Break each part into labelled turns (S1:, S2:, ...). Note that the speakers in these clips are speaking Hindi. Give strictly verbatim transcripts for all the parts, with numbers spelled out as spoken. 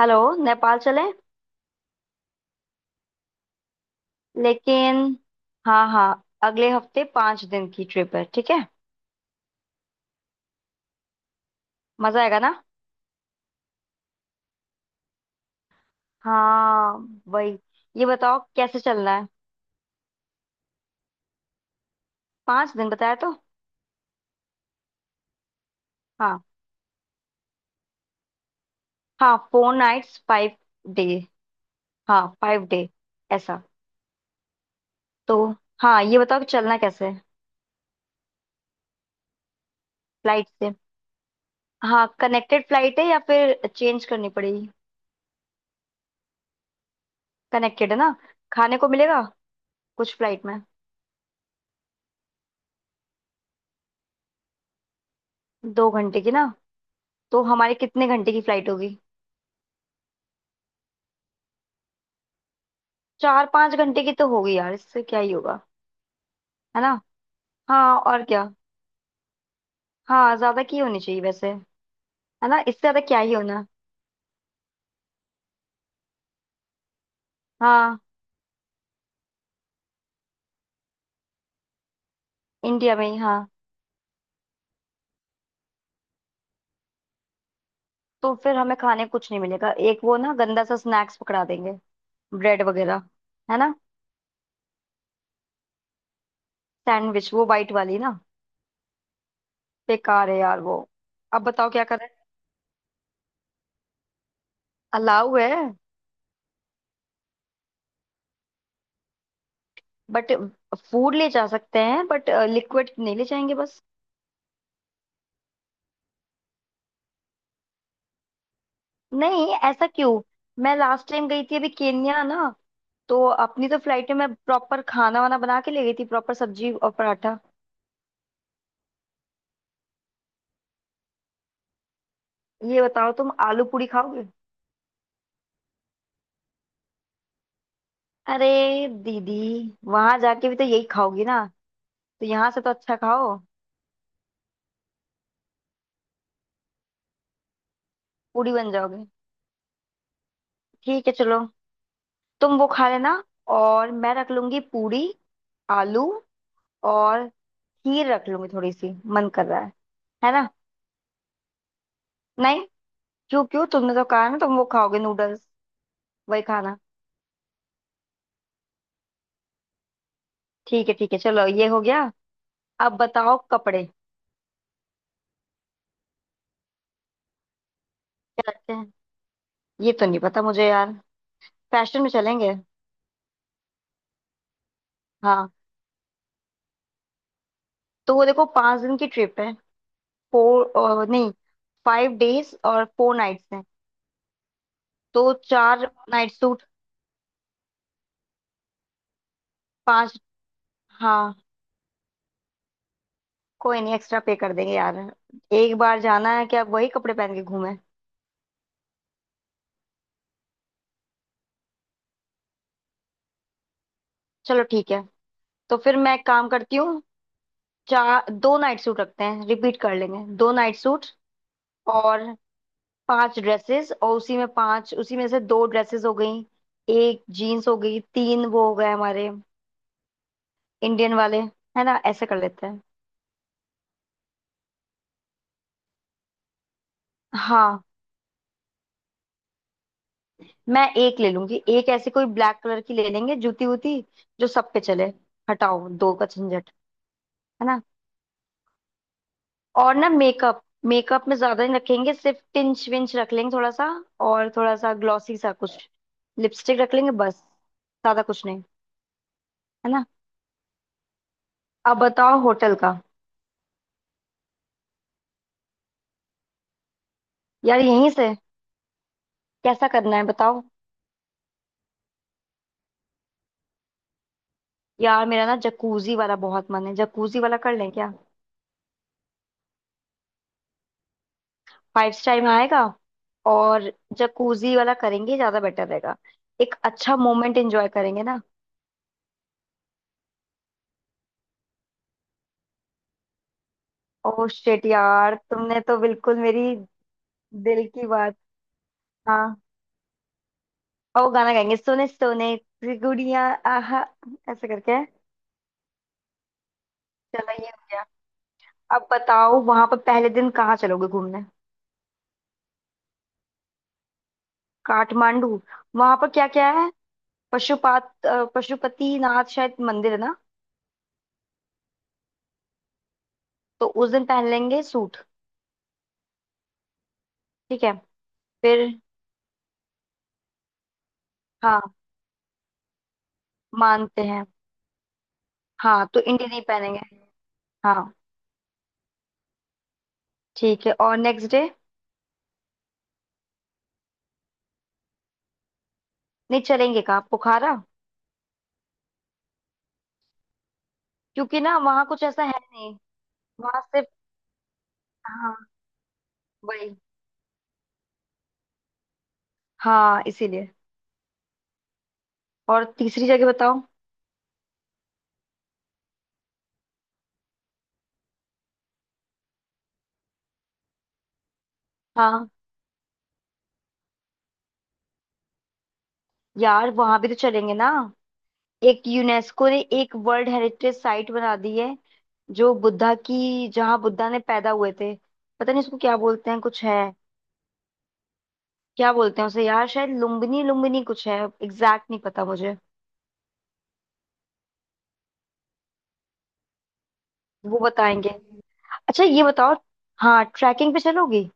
S1: हेलो। नेपाल चलें लेकिन। हाँ हाँ, अगले हफ्ते पाँच दिन की ट्रिप है, ठीक है। मजा आएगा ना। हाँ, वही। ये बताओ कैसे चलना है। पाँच दिन बताया तो। हाँ हाँ, फोर नाइट्स फाइव डे। हाँ फाइव डे, ऐसा। तो हाँ, ये बताओ कि चलना कैसे है। फ्लाइट से। हाँ, कनेक्टेड फ्लाइट है या फिर चेंज करनी पड़ेगी। कनेक्टेड है ना। खाने को मिलेगा कुछ फ्लाइट में। दो घंटे की ना। तो हमारे कितने घंटे की फ्लाइट होगी। चार पांच घंटे की तो होगी यार, इससे क्या ही होगा। है ना। हाँ और क्या। हाँ, ज्यादा की होनी चाहिए वैसे। है ना, इससे ज्यादा क्या ही होना। हाँ, इंडिया में ही हाँ। तो फिर हमें खाने कुछ नहीं मिलेगा, एक वो ना गंदा सा स्नैक्स पकड़ा देंगे। ब्रेड वगैरह है ना। सैंडविच, वो वाइट वाली ना। बेकार है यार वो। अब बताओ क्या करें। अलाउ है। बट फूड ले जा सकते हैं, बट लिक्विड नहीं ले जाएंगे बस। नहीं ऐसा क्यों। मैं लास्ट टाइम गई थी अभी केन्या ना। तो अपनी तो फ्लाइट में मैं प्रॉपर खाना वाना बना के ले गई थी, प्रॉपर सब्जी और पराठा। ये बताओ तुम आलू पूरी खाओगे। अरे दीदी, वहां जाके भी तो यही खाओगी ना। तो यहाँ से तो अच्छा खाओ। पूरी बन जाओगे। ठीक है चलो। तुम वो खा लेना और मैं रख लूंगी पूरी, आलू। और खीर रख लूंगी थोड़ी सी। मन कर रहा है। है ना। नहीं, क्यों क्यों, तुमने तो कहा ना तुम वो खाओगे नूडल्स। वही खाना। ठीक है ठीक है, चलो ये हो गया। अब बताओ कपड़े क्या रखते हैं। ये तो नहीं पता मुझे यार। फैशन में चलेंगे। हाँ, तो वो देखो पांच दिन की ट्रिप है। फोर नहीं, फाइव डेज और फोर नाइट्स हैं। तो चार नाइट सूट, पांच। हाँ कोई नहीं, एक्स्ट्रा पे कर देंगे यार। एक बार जाना है क्या वही कपड़े पहन के घूमे। चलो ठीक है। तो फिर मैं एक काम करती हूँ, चार दो नाइट सूट रखते हैं, रिपीट कर लेंगे दो नाइट सूट। और पांच ड्रेसेस, और उसी में पांच, उसी में से दो ड्रेसेस हो गई। एक जीन्स हो गई, तीन वो हो गए हमारे इंडियन वाले। है ना, ऐसे कर लेते हैं। हाँ, मैं एक ले लूंगी, एक ऐसी कोई ब्लैक कलर की ले लेंगे जूती वूती, जो सब पे चले। हटाओ दो का झंझट। है ना। और ना मेकअप, मेकअप में ज्यादा नहीं रखेंगे, सिर्फ टिंच विंच रख लेंगे थोड़ा सा, और थोड़ा सा ग्लॉसी सा कुछ, लिपस्टिक रख लेंगे बस। ज्यादा कुछ नहीं। है ना। अब बताओ होटल का। यार यहीं से। कैसा करना है बताओ। यार मेरा ना जकूजी वाला बहुत मन है, जकूजी वाला कर लें क्या। फाइव स्टार में आएगा। और जकूजी वाला करेंगे, ज्यादा बेटर रहेगा। एक अच्छा मोमेंट एंजॉय करेंगे ना। ओ शिट यार, तुमने तो बिल्कुल मेरी दिल की बात। हाँ और वो गाना गाएंगे, सोने सोने की गुड़िया। आहा, ऐसे करके है। चलो ये हो गया। अब बताओ वहां पर पहले दिन कहाँ चलोगे घूमने। काठमांडू। वहां पर क्या क्या है। पशुपात अ, पशुपति नाथ शायद मंदिर है ना। तो उस दिन पहन लेंगे सूट। ठीक है। फिर हाँ मानते हैं। हाँ, तो इंडी नहीं पहनेंगे। हाँ। ठीक है और नेक्स्ट डे। नहीं चलेंगे कहाँ, पोखरा। क्योंकि ना वहाँ कुछ ऐसा है नहीं, वहाँ सिर्फ हाँ वही। हाँ इसीलिए। और तीसरी जगह बताओ। हाँ, यार वहाँ भी तो चलेंगे ना। एक यूनेस्को ने एक वर्ल्ड हेरिटेज साइट बना दी है, जो बुद्धा की, जहाँ बुद्धा ने पैदा हुए थे। पता नहीं उसको क्या बोलते हैं कुछ है। क्या बोलते हैं उसे यार, शायद लुम्बिनी, लुम्बिनी कुछ है, एग्जैक्ट नहीं पता मुझे। वो बताएंगे। अच्छा ये बताओ, हाँ ट्रैकिंग पे चलोगी।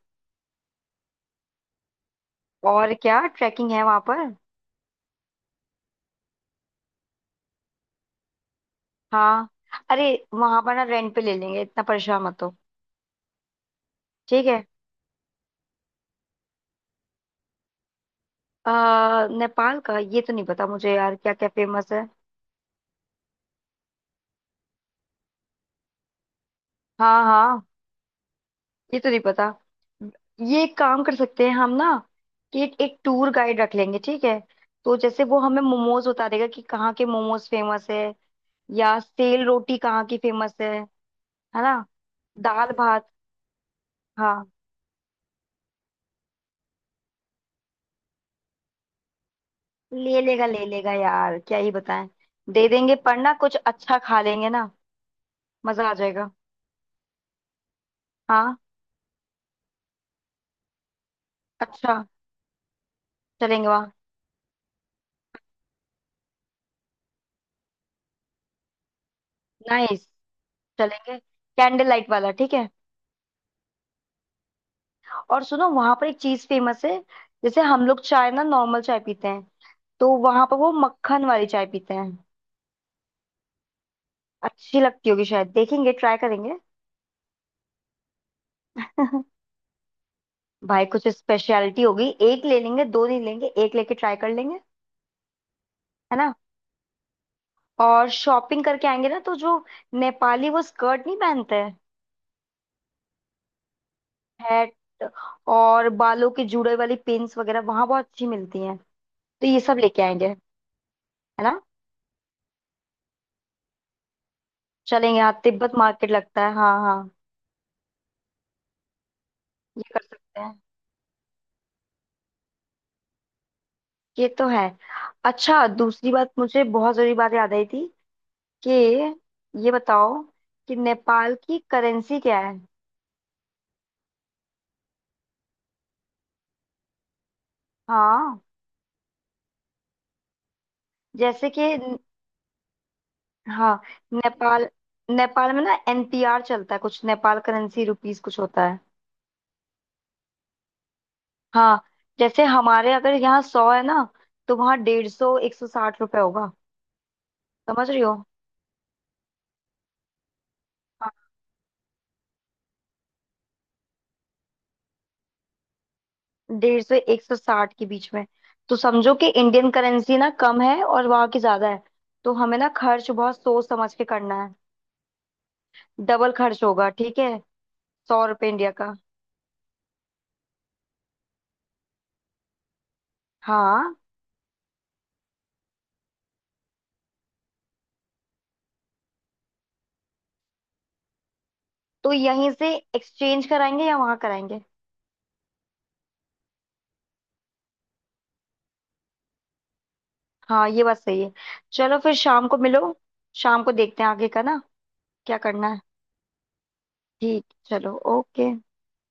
S1: और क्या ट्रैकिंग है वहां पर। हाँ, अरे वहां पर ना रेंट पे ले लेंगे, इतना परेशान मत हो। ठीक है। आ, नेपाल का ये तो नहीं पता मुझे यार क्या क्या फेमस है। हाँ हाँ, ये तो नहीं पता। ये एक काम कर सकते हैं हम ना, कि एक, एक टूर गाइड रख लेंगे ठीक है। तो जैसे वो हमें मोमोज बता देगा कि कहाँ के मोमोज फेमस है, या सेल रोटी कहाँ की फेमस है। है ना, दाल भात। हाँ ले लेगा, ले लेगा यार क्या ही बताएं। दे देंगे, पर ना कुछ अच्छा खा लेंगे ना, मजा आ जाएगा। हाँ अच्छा, चलेंगे वहाँ। नाइस, चलेंगे। कैंडल लाइट वाला ठीक है। और सुनो, वहां पर एक चीज फेमस है। जैसे हम लोग चाय ना, नॉर्मल चाय पीते हैं, तो वहां पर वो मक्खन वाली चाय पीते हैं। अच्छी लगती होगी शायद, देखेंगे ट्राई करेंगे। भाई कुछ स्पेशलिटी होगी, एक ले लेंगे, दो नहीं लेंगे, एक लेके ट्राई कर लेंगे। है ना। और शॉपिंग करके आएंगे ना, तो जो नेपाली वो स्कर्ट नहीं पहनते, हैट। और बालों के जुड़े वाली पिन्स वगैरह वहां बहुत अच्छी मिलती हैं। तो ये सब लेके आएंगे, है ना। चलेंगे हाँ, तिब्बत मार्केट लगता है हाँ हाँ। ये कर सकते हैं, ये तो है। अच्छा, दूसरी बात मुझे बहुत जरूरी बात याद आई थी, कि ये बताओ कि नेपाल की करेंसी क्या है। हाँ, जैसे कि न- हाँ। नेपाल, नेपाल में ना एन पी आर चलता है कुछ, नेपाल करेंसी रुपीस कुछ होता है। हाँ, जैसे हमारे अगर यहाँ सौ है ना, तो वहाँ डेढ़ सौ एक सौ साठ रुपये होगा। समझ रही हो। हाँ, डेढ़ सौ एक सौ साठ के बीच में। तो समझो कि इंडियन करेंसी ना कम है और वहाँ की ज्यादा है, तो हमें ना खर्च बहुत सोच समझ के करना है। डबल खर्च होगा ठीक है। सौ रुपये इंडिया का, हाँ। तो यहीं से एक्सचेंज कराएंगे या वहाँ कराएंगे। हाँ ये बात सही है। चलो फिर शाम को मिलो, शाम को देखते हैं आगे का ना, क्या करना है। ठीक चलो ओके।